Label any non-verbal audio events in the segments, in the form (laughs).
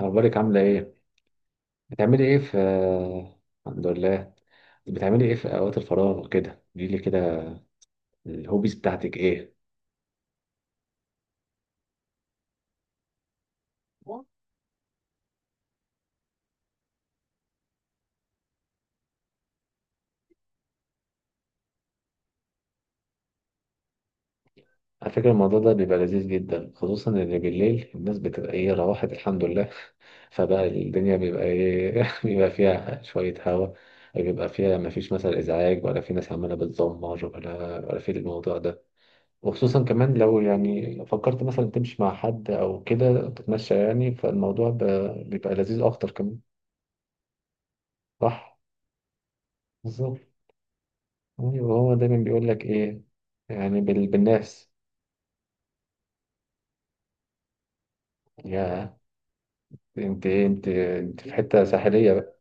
أخبارك عاملة إيه؟ بتعملي إيه في؟ الحمد لله. بتعملي إيه في أوقات الفراغ وكده؟ قوليلي كده، الهوبيز بتاعتك إيه؟ على فكرة الموضوع ده بيبقى لذيذ جدا، خصوصا إن بالليل الناس بتبقى إيه روحت الحمد لله. (laughs) فبقى الدنيا بيبقى إيه (laughs) بيبقى فيها شوية هوا، بيبقى فيها مفيش مثلا إزعاج ولا في ناس عمالة بتزمر ولا في الموضوع ده. وخصوصا كمان لو يعني فكرت مثلا تمشي مع حد أو كده تتمشى يعني فالموضوع بيبقى لذيذ أكتر كمان. صح؟ بالظبط. ايوه هو دايما بيقول لك ايه، يعني بالناس. يا انت إيه، انت انت في حته ساحليه بقى؟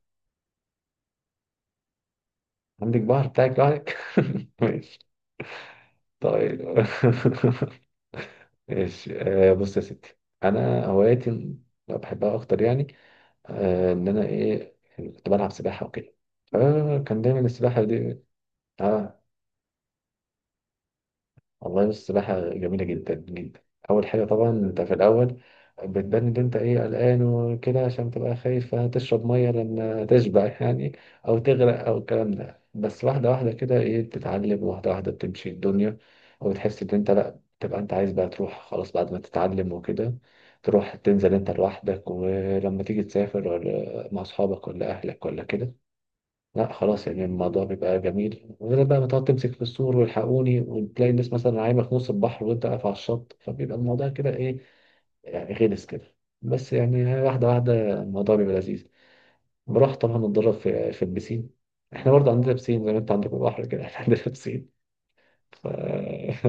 عندك بحر بتاعك لوحدك. (laughs) ماشي. طيب. (laughs) ماشي. آه بص يا ستي، انا هواياتي اللي بحبها اكتر يعني، آه ان انا ايه كنت بلعب سباحه وكده. آه كان دايما السباحه دي. آه. والله بص، السباحة جميلة جدا جدا. أول حاجة طبعا أنت في الأول بتبان إن أنت إيه قلقان وكده، عشان تبقى خايف هتشرب مية لأن تشبع يعني، أو تغرق أو الكلام ده. بس واحدة واحدة كده إيه بتتعلم، واحدة واحدة بتمشي الدنيا. وبتحس إن أنت لأ، تبقى أنت عايز بقى تروح خلاص بعد ما تتعلم وكده، تروح تنزل أنت لوحدك. ولما تيجي تسافر ولا مع أصحابك ولا أهلك ولا كده، لا خلاص يعني الموضوع بيبقى جميل، غير بقى ما تقعد تمسك في السور والحقوني، وتلاقي الناس مثلا عايمة في نص البحر وانت واقف على الشط، فبيبقى الموضوع كده ايه يعني غلس كده. بس يعني واحدة واحدة الموضوع بيبقى لذيذ. بروح طبعا اتدرب في البسين. احنا برضه عندنا بسين، زي ما انت عندك بحر كده احنا عندنا بسين. ف (laughs)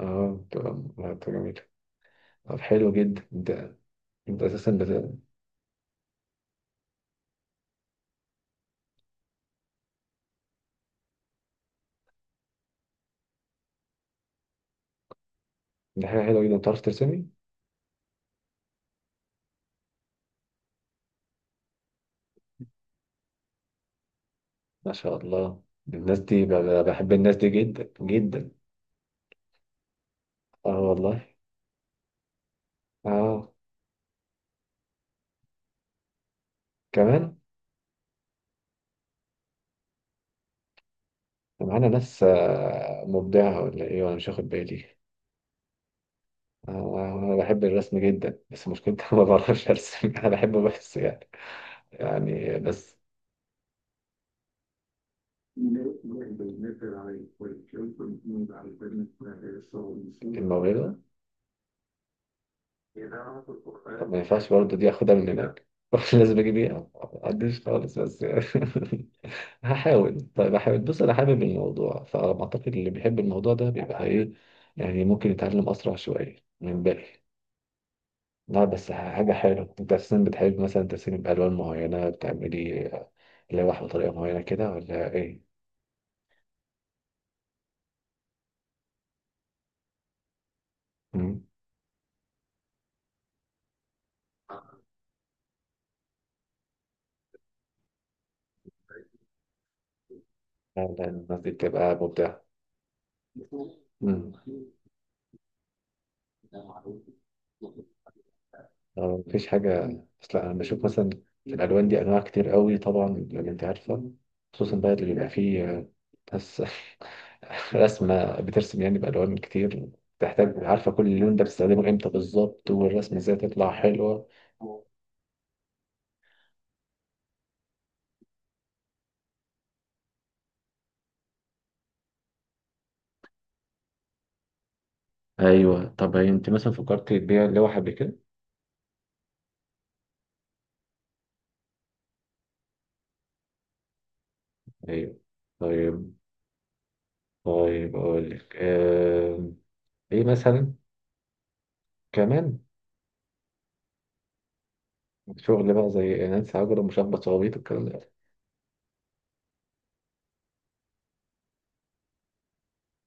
اه بتبقى جميلة. طب حلو جدا. انت اساسا بت- دي حاجة حلوة جدا، بتعرف ترسمي. ما شاء الله. الناس دي بحب الناس دي جدا جدا. اه والله. اه كمان. ده معانا ناس آه، مبدعة ولا ايه وانا مش واخد بالي. آه، انا بحب الرسم جدا بس مشكلتي (laughs) أنا ما بعرفش ارسم، انا بحبه بس يعني، يعني بس. الموهبة. طب ما ينفعش برضه دي اخدها من هناك؟ (laughs) لازم اجيب ايه، ما عنديش خالص بس. (laughs) هحاول، طيب هحاول. بص انا حابب الموضوع، فاعتقد اللي بيحب الموضوع ده بيبقى ايه يعني ممكن يتعلم اسرع شويه من الباقي. لا بس حاجة حلوة. انت اساسا بتحب مثلا ترسمي بألوان معينة؟ بتعملي لوح بطريقة معينة كده ولا ايه؟ مم. لا لا، الناس دي بتبقى مبدعة. مم. آه، مفيش حاجة. بس لا انا بشوف مثلا في الالوان دي انواع كتير قوي طبعا، لما انت عارفه. خصوصا بقى اللي بيبقى فيه آه، ناس (laughs) رسمه بترسم يعني بالوان كتير، تحتاج عارفه كل لون ده بتستخدمه امتى بالظبط والرسمه ازاي تطلع حلوه. ايوه. طب هي انت مثلا فكرت تبيع لوحه قبل كده؟ ايوه. طيب. طيب اقول لك آه... ايه مثلا كمان؟ شغل بقى زي نانسي عجرم ومشبط صوابيط والكلام ده؟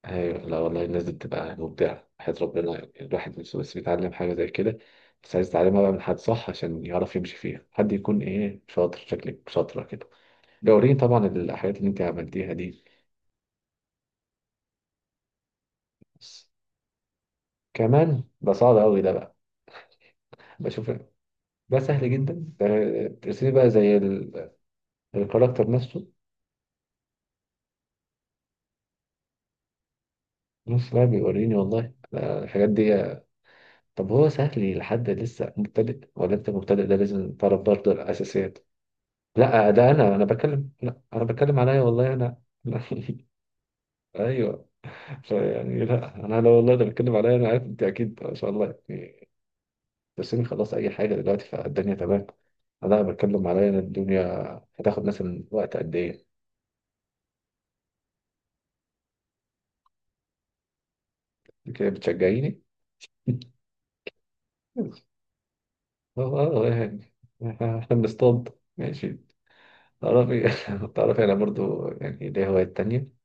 ايوه لا والله الناس دي بتبقى مبدعة حياة ربنا، يعني الواحد نفسه بس بيتعلم حاجة زي كده. بس عايز يتعلمها بقى من حد صح عشان يعرف يمشي فيها، حد يكون ايه شاطر. شكلك شاطرة كده، دورين طبعا الحاجات اللي انت عملتيها دي. بس كمان ده صعب قوي ده بقى. بشوف. ده سهل جدا. ده ترسمي بقى زي الكاركتر نفسه. نص بقى بيوريني والله، لا الحاجات دي. طب هو سهل لحد لسه مبتدئ، ولا انت مبتدئ ده لازم تعرف برضه الأساسيات؟ لا ده انا بتكلم، لا انا بتكلم عليا والله انا (laughs) لا. ايوه. يعني لا انا لو والله ده بتكلم عليا انا، عارف انت اكيد ما شاء الله تسيبني خلاص اي حاجه دلوقتي فالدنيا تمام. انا بتكلم عليا انا. الدنيا هتاخد مثلا وقت قد ايه؟ كده بتشجعيني. (laughs) اه آه، يعني (laughs) احنا بنصطاد. ماشي. تعرفي (laughs) تعرفي، انا برضو يعني ليا هوايات تانية.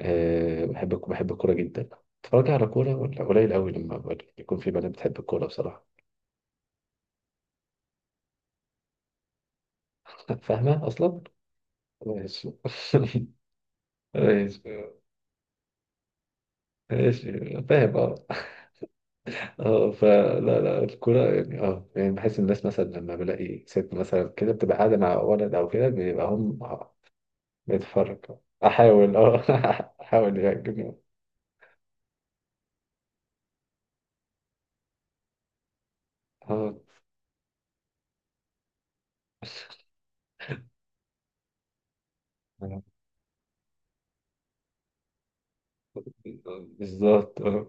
أه، بحب بحب الكورة جدا. اتفرج على كورة. ولا قليل قوي لما يكون في بنات بتحب الكورة بصراحة. فاهمة أصلا؟ ماشي. (laughs) ماشي، ماشي فاهم اه. اه فلا لا الكرة يعني، اه يعني بحس الناس مثلا لما بلاقي ست مثلا كده بتبقى قاعدة مع ولد أو كده بيبقى هم آه، بيتفرج. أحاول اه. (laughs) أحاول يعني. اه بالظبط آه.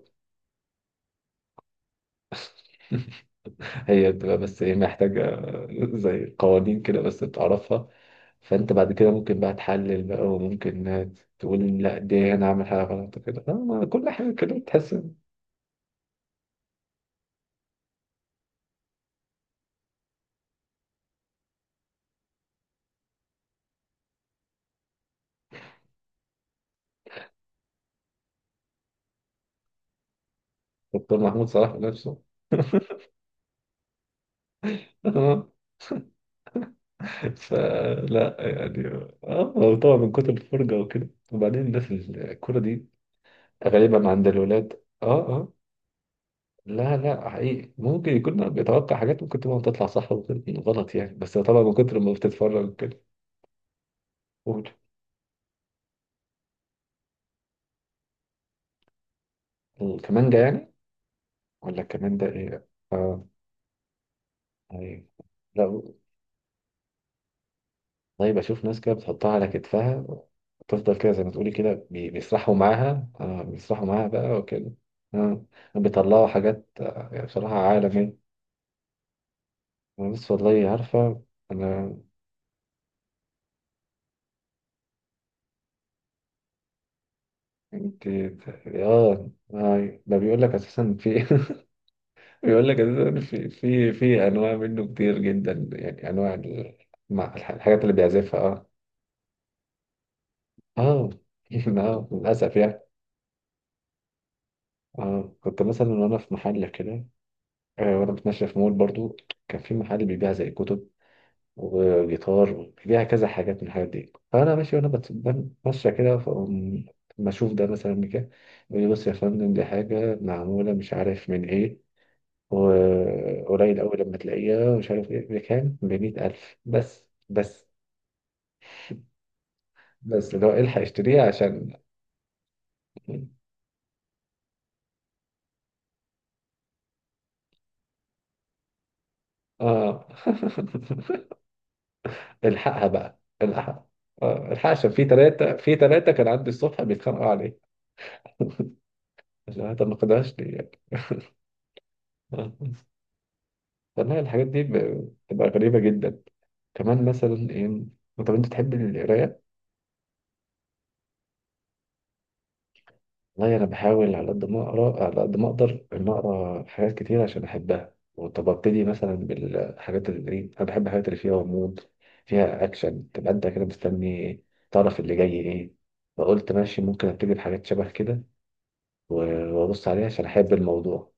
هي بتبقى بس ايه محتاجة (laughs) زي قوانين كده بس بتعرفها. فانت بعد كده ممكن بقى تحلل بقى، وممكن تقول لا دي انا عامل حاجة غلط كده، لا، ما كل حاجة كده تحس إن. دكتور محمود صلاح نفسه. (laughs) فلا يعني. اه هو طبعا من كتر الفرجة وكده، وبعدين الناس الكورة دي غالبا عند الولاد اه اه. لا لا حقيقي ممكن يكون بيتوقع حاجات ممكن تبقى تطلع صح وغلط يعني، بس طبعا من كتر ما بتتفرج كده. قول. كمانجا يعني؟ ولا كمان ده ايه؟ اه. ايوه. لا، طيب اشوف ناس كده بتحطها على كتفها، وتفضل كده زي ما تقولي كده بيسرحوا معاها، اه بيسرحوا معاها بقى وكده. اه بيطلعوا حاجات آه، يعني بصراحة عالمية. أنا بس والله عارفة. انا. انت اه آه، ده بيقول لك اساسا في (laughs) بيقول لك اساسا في انواع منه كتير جدا، يعني انواع مع الحاجات اللي بيعزفها اه. اه (laughs) آه، للاسف يعني. اه كنت مثلا وانا في محل كده آه، وانا بتمشى في مول برضو. كان في محل بيبيع زي كتب وجيتار وبيبيع كذا حاجات من الحاجات دي. فانا ماشي وانا بتمشى كده، فأقوم ما اشوف ده مثلا كده يقول لي بص يا فندم دي حاجه معموله مش عارف من ايه، وقليل قوي لما تلاقيها مش عارف ايه، بكام؟ ب 100,000 بس. بس اللي هو الحق اشتريها عشان اه. (laughs) الحقها بقى، الحقها. آه، الحقها عشان في ثلاثة في ثلاثة كان عندي الصبح بيتخانقوا عليه، عشان أنا ما خدهاش لي يعني. آه. والله الحاجات دي بتبقى غريبة جدا. كمان مثلا إيه. طب أنت تحب القراية؟ والله أنا بحاول على قد ما أقرأ، على قد ما أقدر إن أقرأ حاجات كتير عشان أحبها. وطب أبتدي مثلا بالحاجات اللي إيه، أنا بحب الحاجات اللي فيها غموض، فيها أكشن، تبقى أنت كده مستني تعرف اللي جاي إيه. فقلت ماشي ممكن أبتدي بحاجات شبه كده، وابص عليه عشان احب الموضوع.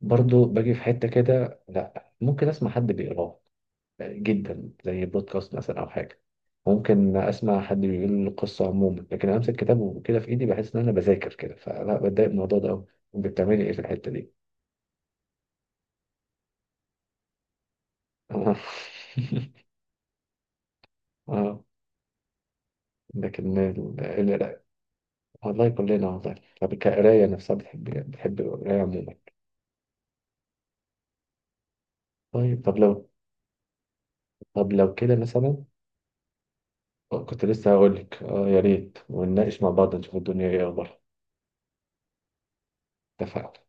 برضو باجي في حتة كده لا، ممكن اسمع حد بيقراه جدا، زي بودكاست مثلا او حاجة. ممكن اسمع حد بيقول القصة عموما، لكن أنا امسك كتاب وكده في ايدي بحس ان انا بذاكر كده، فلا بتضايق من الموضوع ده قوي. بتعملي ايه في الحتة دي؟ (laughs) اه. لكن لا. والله كلنا والله. طب القراية نفسها بتحب؟ بتحب القراية عموما؟ طيب. طب لو. طب لو كده مثلا. كنت لسه هقول لك اه يا ريت، ونناقش مع بعض نشوف الدنيا ايه اخبارها. اتفقنا.